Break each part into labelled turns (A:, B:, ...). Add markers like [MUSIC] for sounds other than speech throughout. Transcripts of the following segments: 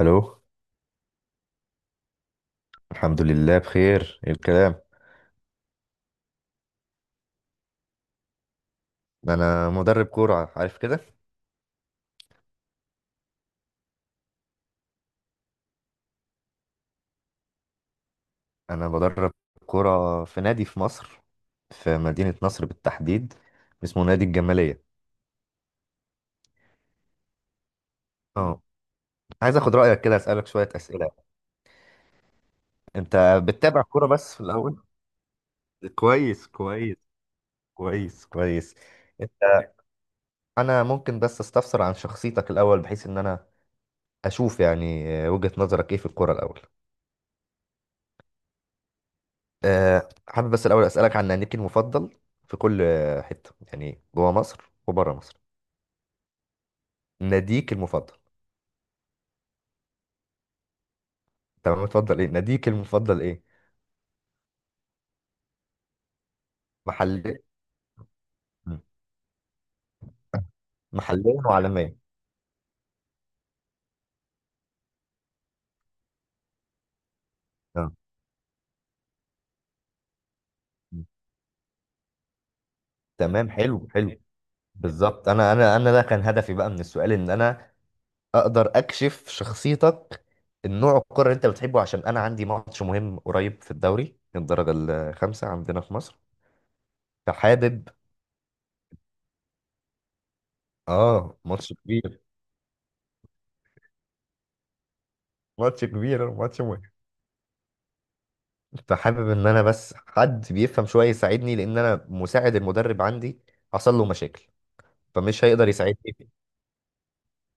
A: الو. الحمد لله بخير. إيه الكلام؟ انا مدرب كوره، عارف كده. انا بدرب كوره في نادي في مصر، في مدينه نصر بالتحديد، اسمه نادي الجماليه. اه، عايز اخد رايك كده، اسالك شويه اسئله. انت بتتابع كوره بس في الاول؟ كويس كويس. كويس كويس. انت، انا ممكن بس استفسر عن شخصيتك الاول، بحيث ان انا اشوف يعني وجهه نظرك ايه في الكوره الاول. حابب بس الأول أسألك عن ناديك المفضل في كل حتة، يعني جوه مصر وبره مصر. ناديك المفضل؟ تمام، متفضل. إيه ناديك المفضل إيه؟ محلي؟ مم. محليا وعالميا. آه. مم. تمام، حلو حلو. بالظبط. أنا ده كان هدفي بقى من السؤال، إن أنا أقدر أكشف شخصيتك، النوع الكرة اللي أنت بتحبه، عشان أنا عندي ماتش مهم قريب في الدوري الدرجة الخامسة عندنا في مصر، فحابب. آه، ماتش كبير. ماتش كبير، ماتش مهم. فحابب ان انا بس حد بيفهم شويه يساعدني، لان انا مساعد المدرب عندي حصل له مشاكل، فمش هيقدر يساعدني في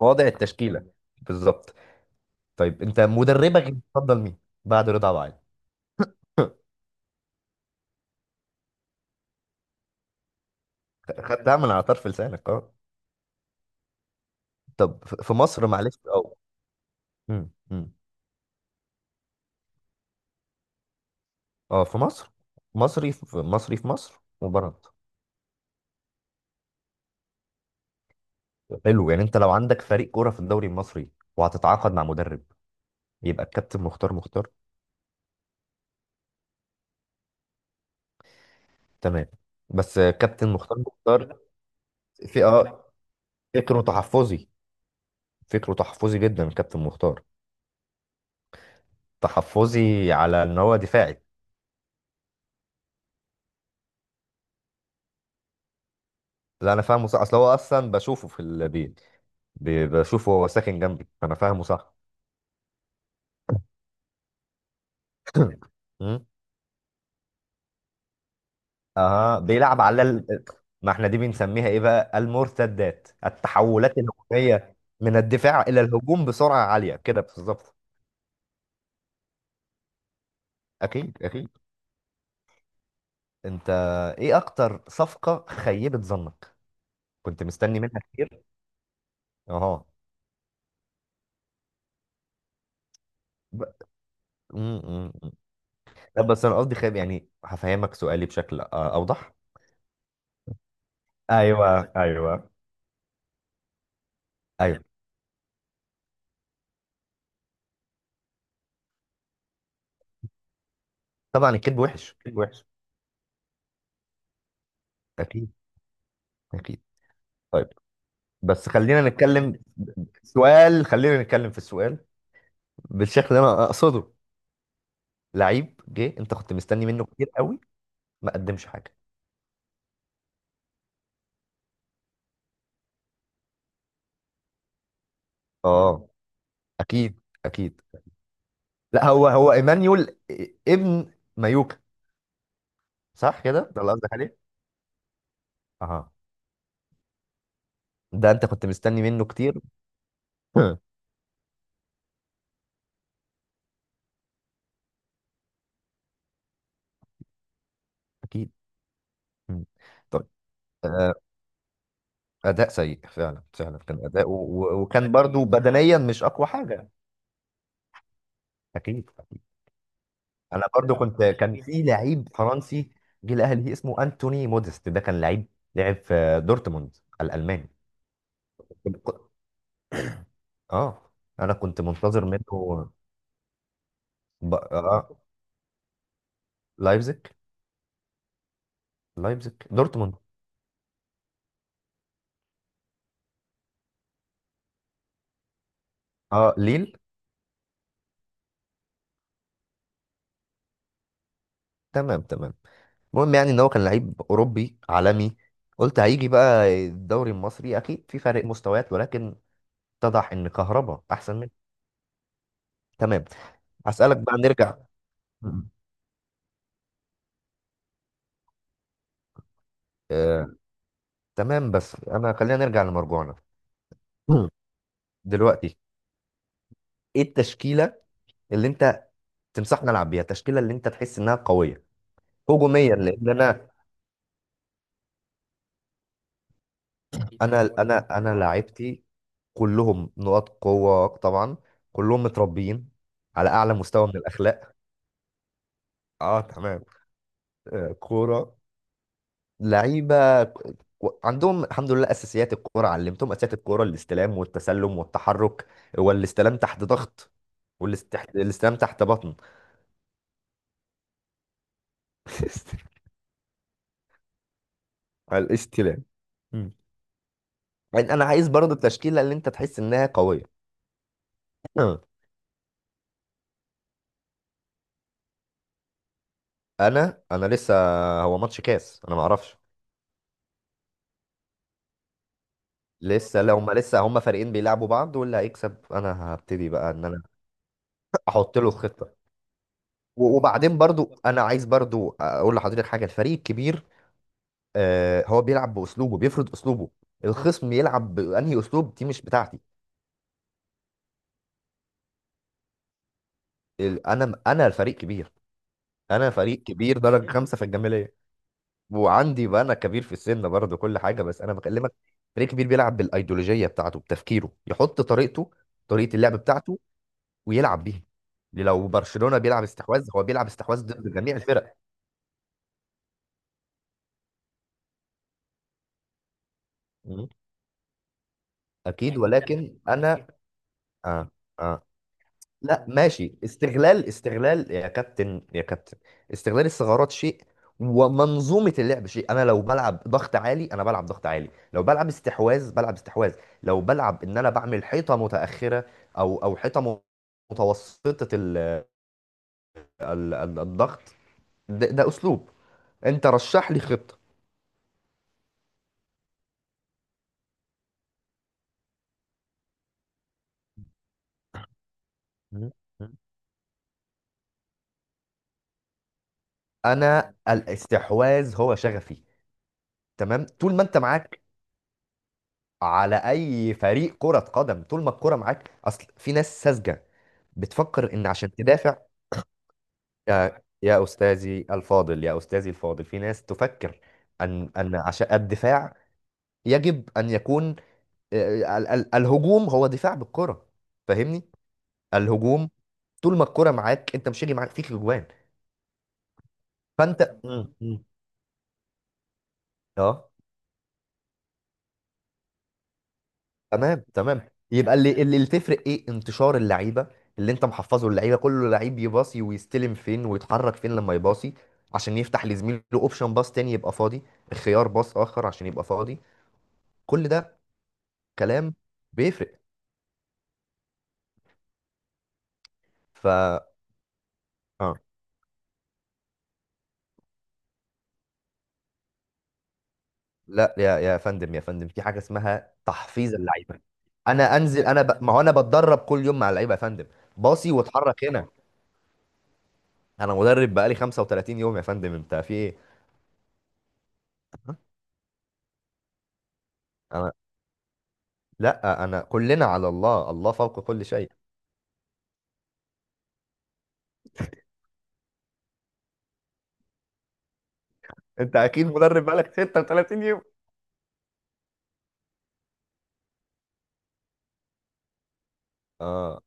A: وضع التشكيله. بالظبط. طيب، انت مدربك بتفضل مين بعد رضا أبو علي؟ خدتها من على طرف لسانك، اه. طب في مصر، معلش، اه. أمم، أمم. اه، في مصر. مصري. في مصري، في مصر وبره. حلو. يعني انت لو عندك فريق كوره في الدوري المصري وهتتعاقد مع مدرب، يبقى الكابتن مختار مختار. تمام. بس كابتن مختار مختار في اه، فكره تحفظي. فكره تحفظي جدا كابتن مختار. تحفظي على ان هو دفاعي. لا انا فاهمه صح، اصل هو اصلا بشوفه في البيت، بشوفه، هو ساكن جنبي، فانا فاهمه صح. [CLEARS THROAT] [COUGHS] مم. اها، بيلعب. ما احنا دي بنسميها ايه بقى؟ المرتدات، التحولات الهجوميه من الدفاع الى الهجوم بسرعه عاليه كده، بالظبط. اكيد اكيد. انت، ايه اكتر صفقه خيبت ظنك؟ كنت مستني منها كتير. اها. ب... لا بس انا قصدي خاب، يعني هفهمك سؤالي بشكل اوضح. ايوه ايوه. ايوه. طبعا الكذب وحش، الكذب وحش. اكيد اكيد. طيب، بس خلينا نتكلم. سؤال، خلينا نتكلم في السؤال بالشكل اللي انا اقصده. لعيب جه، انت كنت مستني منه كتير قوي، ما قدمش حاجه. اه، اكيد اكيد. لا هو هو ايمانيول ابن مايوكا. صح كده، ده اللي قصدك عليه؟ اها. ده انت كنت مستني منه كتير. [LAUGHS] اكيد. مم. طيب. آه، اداء سيء فعلا، فعلا كان اداء وكان برضو بدنيا مش اقوى حاجه. اكيد اكيد. انا برضو كنت، كان في لعيب فرنسي جه الاهلي اسمه انتوني موديست، ده كان لعيب، لعب في دورتموند الالماني. اه، انا كنت منتظر منه. آه. لايبزيج. لايبزيج دورتموند. اه، ليل. تمام تمام. المهم يعني ان هو كان لعيب اوروبي عالمي، قلت هيجي بقى الدوري المصري اكيد في فرق مستويات، ولكن اتضح ان كهربا احسن. تمام. هسألك بقى، نرجع. مم. آه، تمام، بس انا خلينا نرجع لمرجوعنا. مم. دلوقتي، ايه التشكيله اللي انت تنصحنا العب بيها، التشكيله اللي انت تحس انها قويه هجوميا، لان انا. انا لاعبتي كلهم نقاط قوه طبعا. كلهم متربيين على اعلى مستوى من الاخلاق. اه تمام. آه، كوره. عندهم الحمد لله اساسيات الكوره، علمتهم اساسيات الكوره، الاستلام والتسلم والتحرك والاستلام تحت ضغط، والاستلام تحت بطن. [LAUGHS] على الاستلام. مم. يعني انا عايز برضه التشكيله اللي انت تحس انها قويه. [CLEARS THROAT] انا لسه، هو ماتش كاس، انا ما اعرفش. لسه، لو ما لسه هما فريقين بيلعبوا بعض، واللي هيكسب انا هبتدي بقى ان انا [LAUGHS] احط له خطه. و- وبعدين برضو انا عايز برضو اقول لحضرتك حاجه. الفريق الكبير آه، هو بيلعب باسلوبه، بيفرض اسلوبه. الخصم يلعب بانهي اسلوب دي مش بتاعتي. انا، انا فريق كبير. انا فريق كبير درجه خمسه في الجماليه، وعندي بقى انا كبير في السن برضه، كل حاجه، بس انا بكلمك. فريق كبير بيلعب بالايديولوجيه بتاعته، بتفكيره، يحط طريقته، طريقه اللعب بتاعته، ويلعب بيها. لو برشلونه بيلعب استحواذ، هو بيلعب استحواذ ضد جميع الفرق. مم. اكيد ولكن انا، اه، اه، لا ماشي، استغلال، استغلال يا كابتن، يا كابتن، استغلال الثغرات شيء، ومنظومة اللعب شيء. انا لو بلعب ضغط عالي انا بلعب ضغط عالي، لو بلعب استحواذ بلعب استحواذ، لو بلعب ان انا بعمل حيطة متأخرة او حيطة متوسطة ال الضغط. ده، ده اسلوب. انت رشح لي خطة. مم. مم. انا الاستحواذ هو شغفي. تمام. طول ما انت معاك، على اي فريق كرة قدم، طول ما الكرة معاك. اصل في ناس ساذجة بتفكر ان عشان تدافع، يا يا استاذي الفاضل، يا استاذي الفاضل، في ناس تفكر ان ان عشان الدفاع يجب ان يكون، آه، الهجوم هو دفاع بالكرة، فاهمني؟ الهجوم، طول ما الكرة معاك انت مش هيجي معاك فيك اجوان. فانت. مم. مم. اه تمام تمام. يبقى اللي تفرق ايه؟ انتشار اللعيبه، اللي انت محفظه اللعيبه، كله لعيب يباصي، ويستلم فين، ويتحرك فين لما يباصي، عشان يفتح لزميله اوبشن باص تاني يبقى فاضي، خيار باص اخر عشان يبقى فاضي. كل ده كلام بيفرق. ف، اه، لا يا يا فندم، يا فندم، في حاجه اسمها تحفيظ اللعيبه. انا انزل، انا، ما هو انا بتدرب كل يوم مع اللعيبه يا فندم، باصي واتحرك هنا. انا مدرب بقالي 35 يوم يا فندم، انت في ايه؟ انا، لا انا كلنا على الله، الله فوق كل شيء. انت اكيد مدرب بقالك 36 يوم. اه،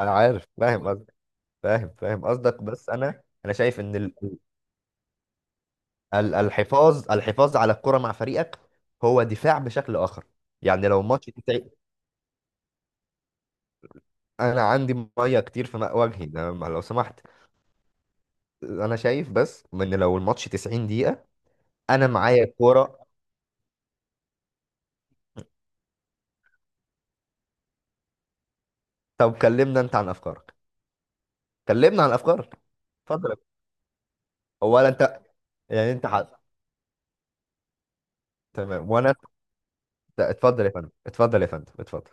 A: انا عارف فاهم قصدك، فاهم فاهم قصدك، بس انا انا شايف ان الحفاظ، الحفاظ على الكرة مع فريقك هو دفاع بشكل اخر. يعني لو ماتش، انت، انا عندي ميه كتير في ماء وجهي ده، ما- لو سمحت. انا شايف بس ان لو الماتش 90 دقيقة انا معايا الكرة. طب كلمنا انت عن افكارك. كلمنا عن افكارك. اتفضل يا باشا. هو ولا انت؟ يعني انت حق. تمام وانا. لا، اتفضل يا فندم، اتفضل يا فندم، اتفضل.